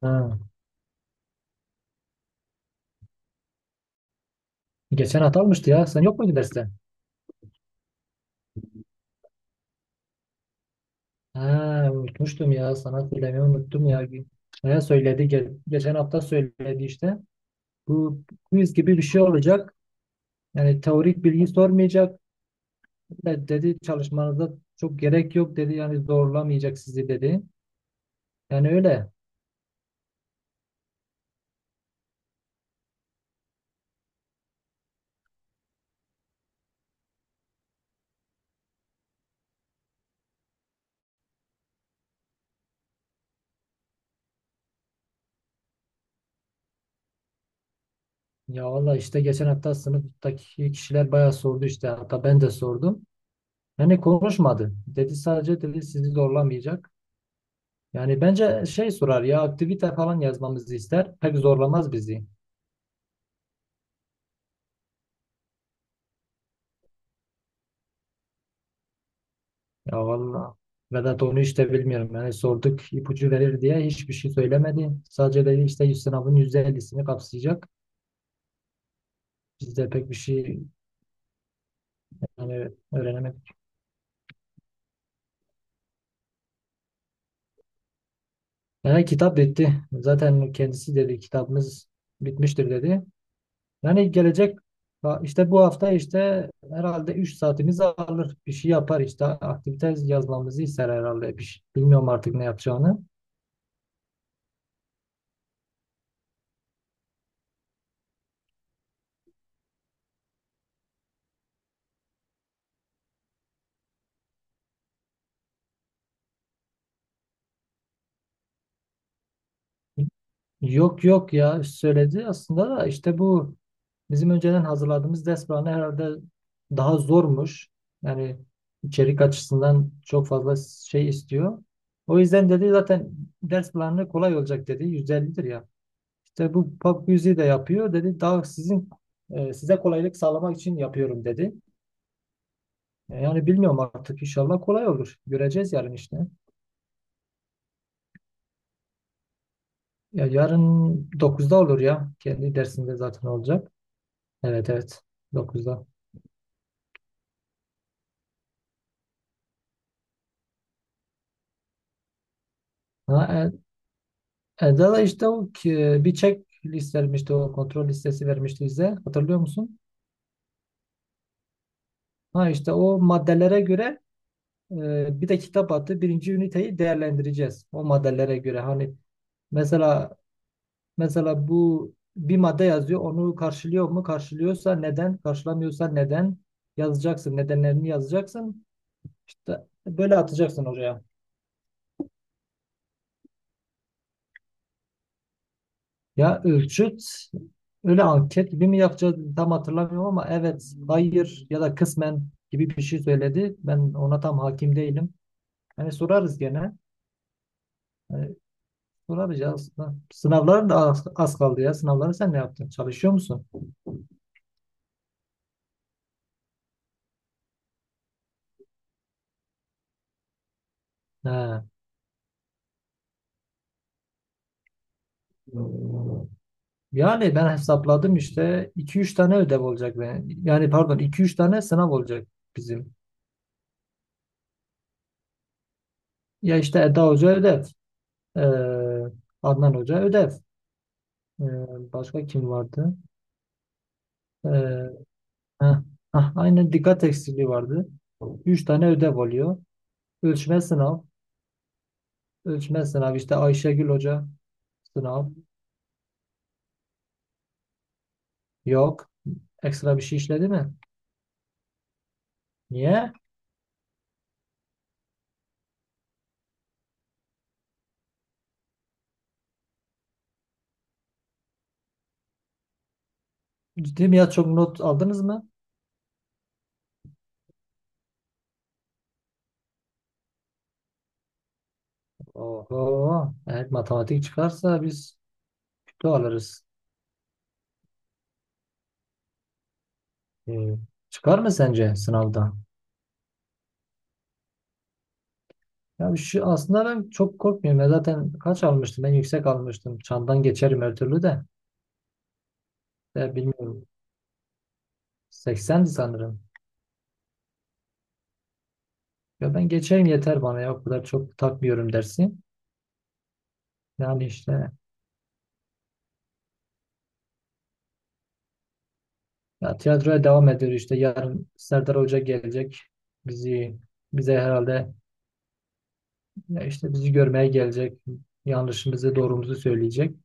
Ha. Geçen hafta almıştı ya. Sen yok muydun derste? Ha, unutmuştum ya. Sana söylemeyi unuttum ya. Ne söyledi? Geçen hafta söyledi işte. Bu quiz gibi bir şey olacak. Yani teorik bilgi sormayacak. Dedi çalışmanıza çok gerek yok dedi. Yani zorlamayacak sizi dedi. Yani öyle. Ya valla işte geçen hafta sınıftaki kişiler bayağı sordu işte. Hatta ben de sordum. Yani konuşmadı. Dedi sadece dedi sizi zorlamayacak. Yani bence şey sorar ya aktivite falan yazmamızı ister. Pek zorlamaz bizi. Ya valla Vedat onu işte bilmiyorum. Yani sorduk ipucu verir diye hiçbir şey söylemedi. Sadece dedi işte yüz sınavın %50'sini kapsayacak. Biz de pek bir şey yani öğrenemedik. Yani kitap bitti. Zaten kendisi dedi kitabımız bitmiştir dedi. Yani gelecek ha, işte bu hafta işte herhalde 3 saatimizi alır. Bir şey yapar işte aktivite yazmamızı ister herhalde. Bir şey, bilmiyorum artık ne yapacağını. Yok yok ya söyledi aslında da işte bu bizim önceden hazırladığımız ders planı herhalde daha zormuş. Yani içerik açısından çok fazla şey istiyor. O yüzden dedi zaten ders planı kolay olacak dedi. 150'dir ya. İşte bu pop quiz'i de yapıyor dedi. Daha sizin size kolaylık sağlamak için yapıyorum dedi. E, Yani bilmiyorum artık inşallah kolay olur. Göreceğiz yarın işte. Ya yarın dokuzda olur ya. Kendi dersinde zaten olacak. Evet evet, dokuzda. Ha, Eda'da işte bir checklist vermişti, o kontrol listesi vermişti bize, hatırlıyor musun? Ha işte o maddelere göre bir de kitap attı, birinci üniteyi değerlendireceğiz o maddelere göre, hani mesela mesela bu bir madde yazıyor, onu karşılıyor mu, karşılıyorsa neden, karşılamıyorsa neden yazacaksın, nedenlerini yazacaksın, işte böyle atacaksın oraya. Ya ölçüt, öyle anket gibi mi yapacağız tam hatırlamıyorum, ama evet, hayır ya da kısmen gibi bir şey söyledi. Ben ona tam hakim değilim. Hani sorarız gene. Hani sorarız ya aslında. Sınavlar da az kaldı ya. Sınavları sen ne yaptın? Çalışıyor musun? He. Yani ben hesapladım işte iki üç tane ödev olacak. Ben. Yani pardon iki üç tane sınav olacak bizim. Ya işte Eda Hoca ödev. Ee, Adnan Hoca ödev. Ee, başka kim vardı? Ee, Heh, aynen, dikkat eksikliği vardı. Üç tane ödev oluyor. Ölçme sınav. Ölçme sınav işte Ayşegül Hoca sınav. Yok. Ekstra bir şey işledi mi? Niye? Ciddi mi ya, çok not aldınız mı? Oho. Evet matematik çıkarsa biz kötü alırız. Ee, çıkar mı sence sınavda? Ya şu, aslında ben çok korkmuyorum. Ya zaten kaç almıştım? Ben yüksek almıştım. Çandan geçerim her türlü de. E, bilmiyorum. 80'di sanırım. Ya ben geçeyim yeter bana, ya o kadar çok takmıyorum dersi. Yani işte ya tiyatroya devam ediyor, işte yarın Serdar Hoca gelecek. Bizi bize herhalde, ya işte bizi görmeye gelecek. Yanlışımızı doğrumuzu söyleyecek.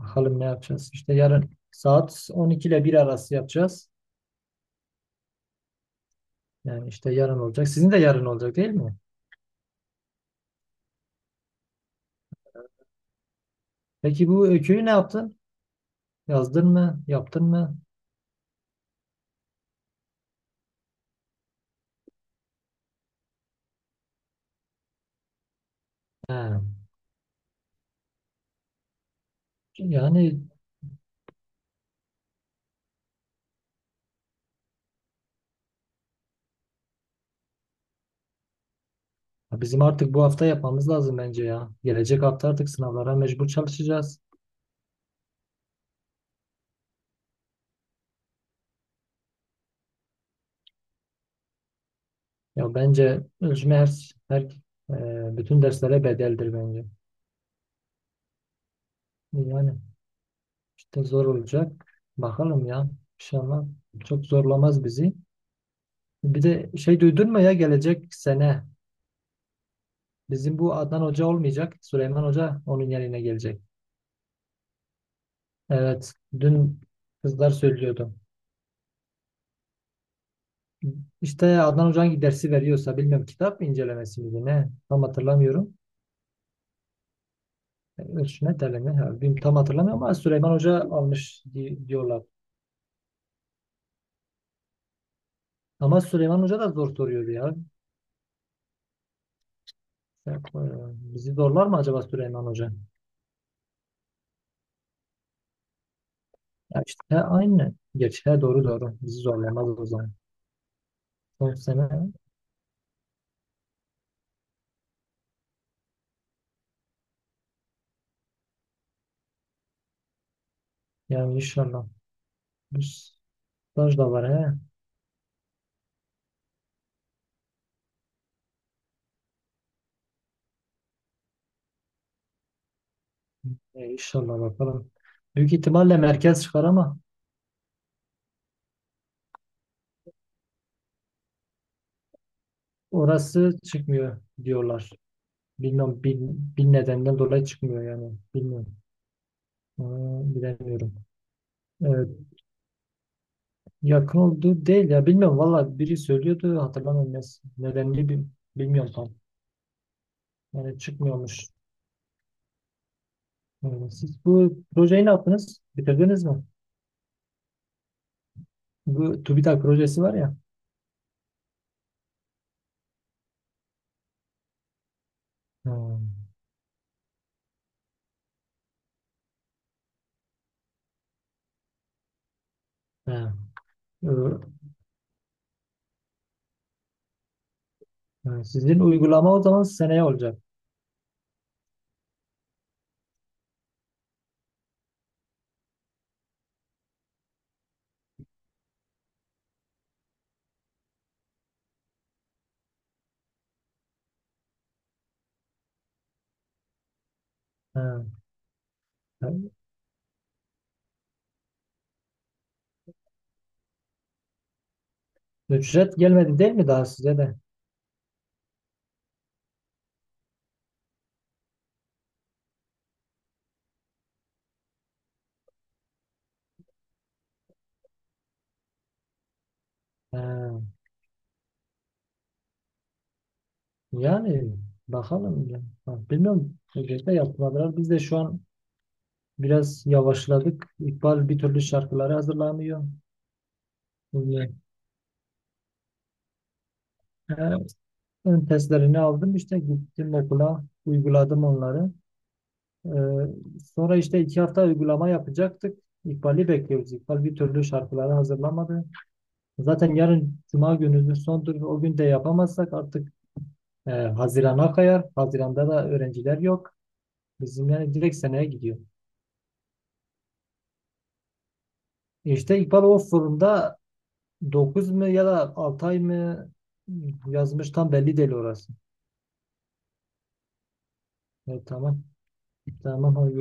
Bakalım ne yapacağız. İşte yarın saat 12 ile 1 arası yapacağız. Yani işte yarın olacak. Sizin de yarın olacak değil mi? Peki bu öyküyü ne yaptın? Yazdın mı? Yaptın mı? He. Yani ya bizim artık bu hafta yapmamız lazım bence ya. Gelecek hafta artık sınavlara mecbur çalışacağız. Ya bence ölçme her, bütün derslere bedeldir bence. Yani işte zor olacak. Bakalım ya. İnşallah çok zorlamaz bizi. Bir de şey duydun mu ya, gelecek sene bizim bu Adnan Hoca olmayacak. Süleyman Hoca onun yerine gelecek. Evet. Dün kızlar söylüyordu. İşte Adnan Hoca hangi dersi veriyorsa bilmiyorum, kitap incelemesi miydi ne, tam hatırlamıyorum. Üç ne telemi? Ha, bilmiyorum, tam hatırlamıyorum ama Süleyman Hoca almış diyorlar. Ama Süleyman Hoca da zor soruyor ya. Ya, bizi zorlar mı acaba Süleyman Hoca? Ya işte he, aynı. Geç. He, doğru, doğru. Bizi zorlamaz o zaman. Son sene yani inşallah. Bu staj da var he. E, inşallah bakalım. Büyük ihtimalle merkez çıkar ama orası çıkmıyor diyorlar. Bilmiyorum, bin nedenden dolayı çıkmıyor yani. Bilmiyorum. Ee, bilemiyorum. Ee, Yakın olduğu değil ya, bilmiyorum valla, biri söylüyordu hatırlamıyorum nedenini bilmiyorum tam. Yani çıkmıyormuş. Yani siz bu projeyi ne yaptınız? Bitirdiniz mi? Bu TÜBİTAK projesi var ya. Ha. Ha. Ö- ha, sizin uygulama o zaman seneye olacak. Ha. Ha. Ücret gelmedi değil mi daha size de? Ha. Yani bakalım ya. Ha, bilmiyorum. Ücretle yapmadılar. Biz de şu an biraz yavaşladık. İkbal bir türlü şarkıları hazırlamıyor. Ee, Ön testlerini aldım işte, gittim okula uyguladım onları. Ee, sonra işte iki hafta uygulama yapacaktık. İkbal'i bekliyoruz. İkbal bir türlü şarkıları hazırlamadı. Zaten yarın Cuma günümüzün sondur. O gün de yapamazsak artık Haziran'a kayar. Haziran'da da öğrenciler yok. Bizim yani direkt seneye gidiyor. İşte İkbal o forumda 9 mu ya da 6 ay mı yazmış, tam belli değil orası. Evet, tamam. Tamam. Hadi görüşürüz.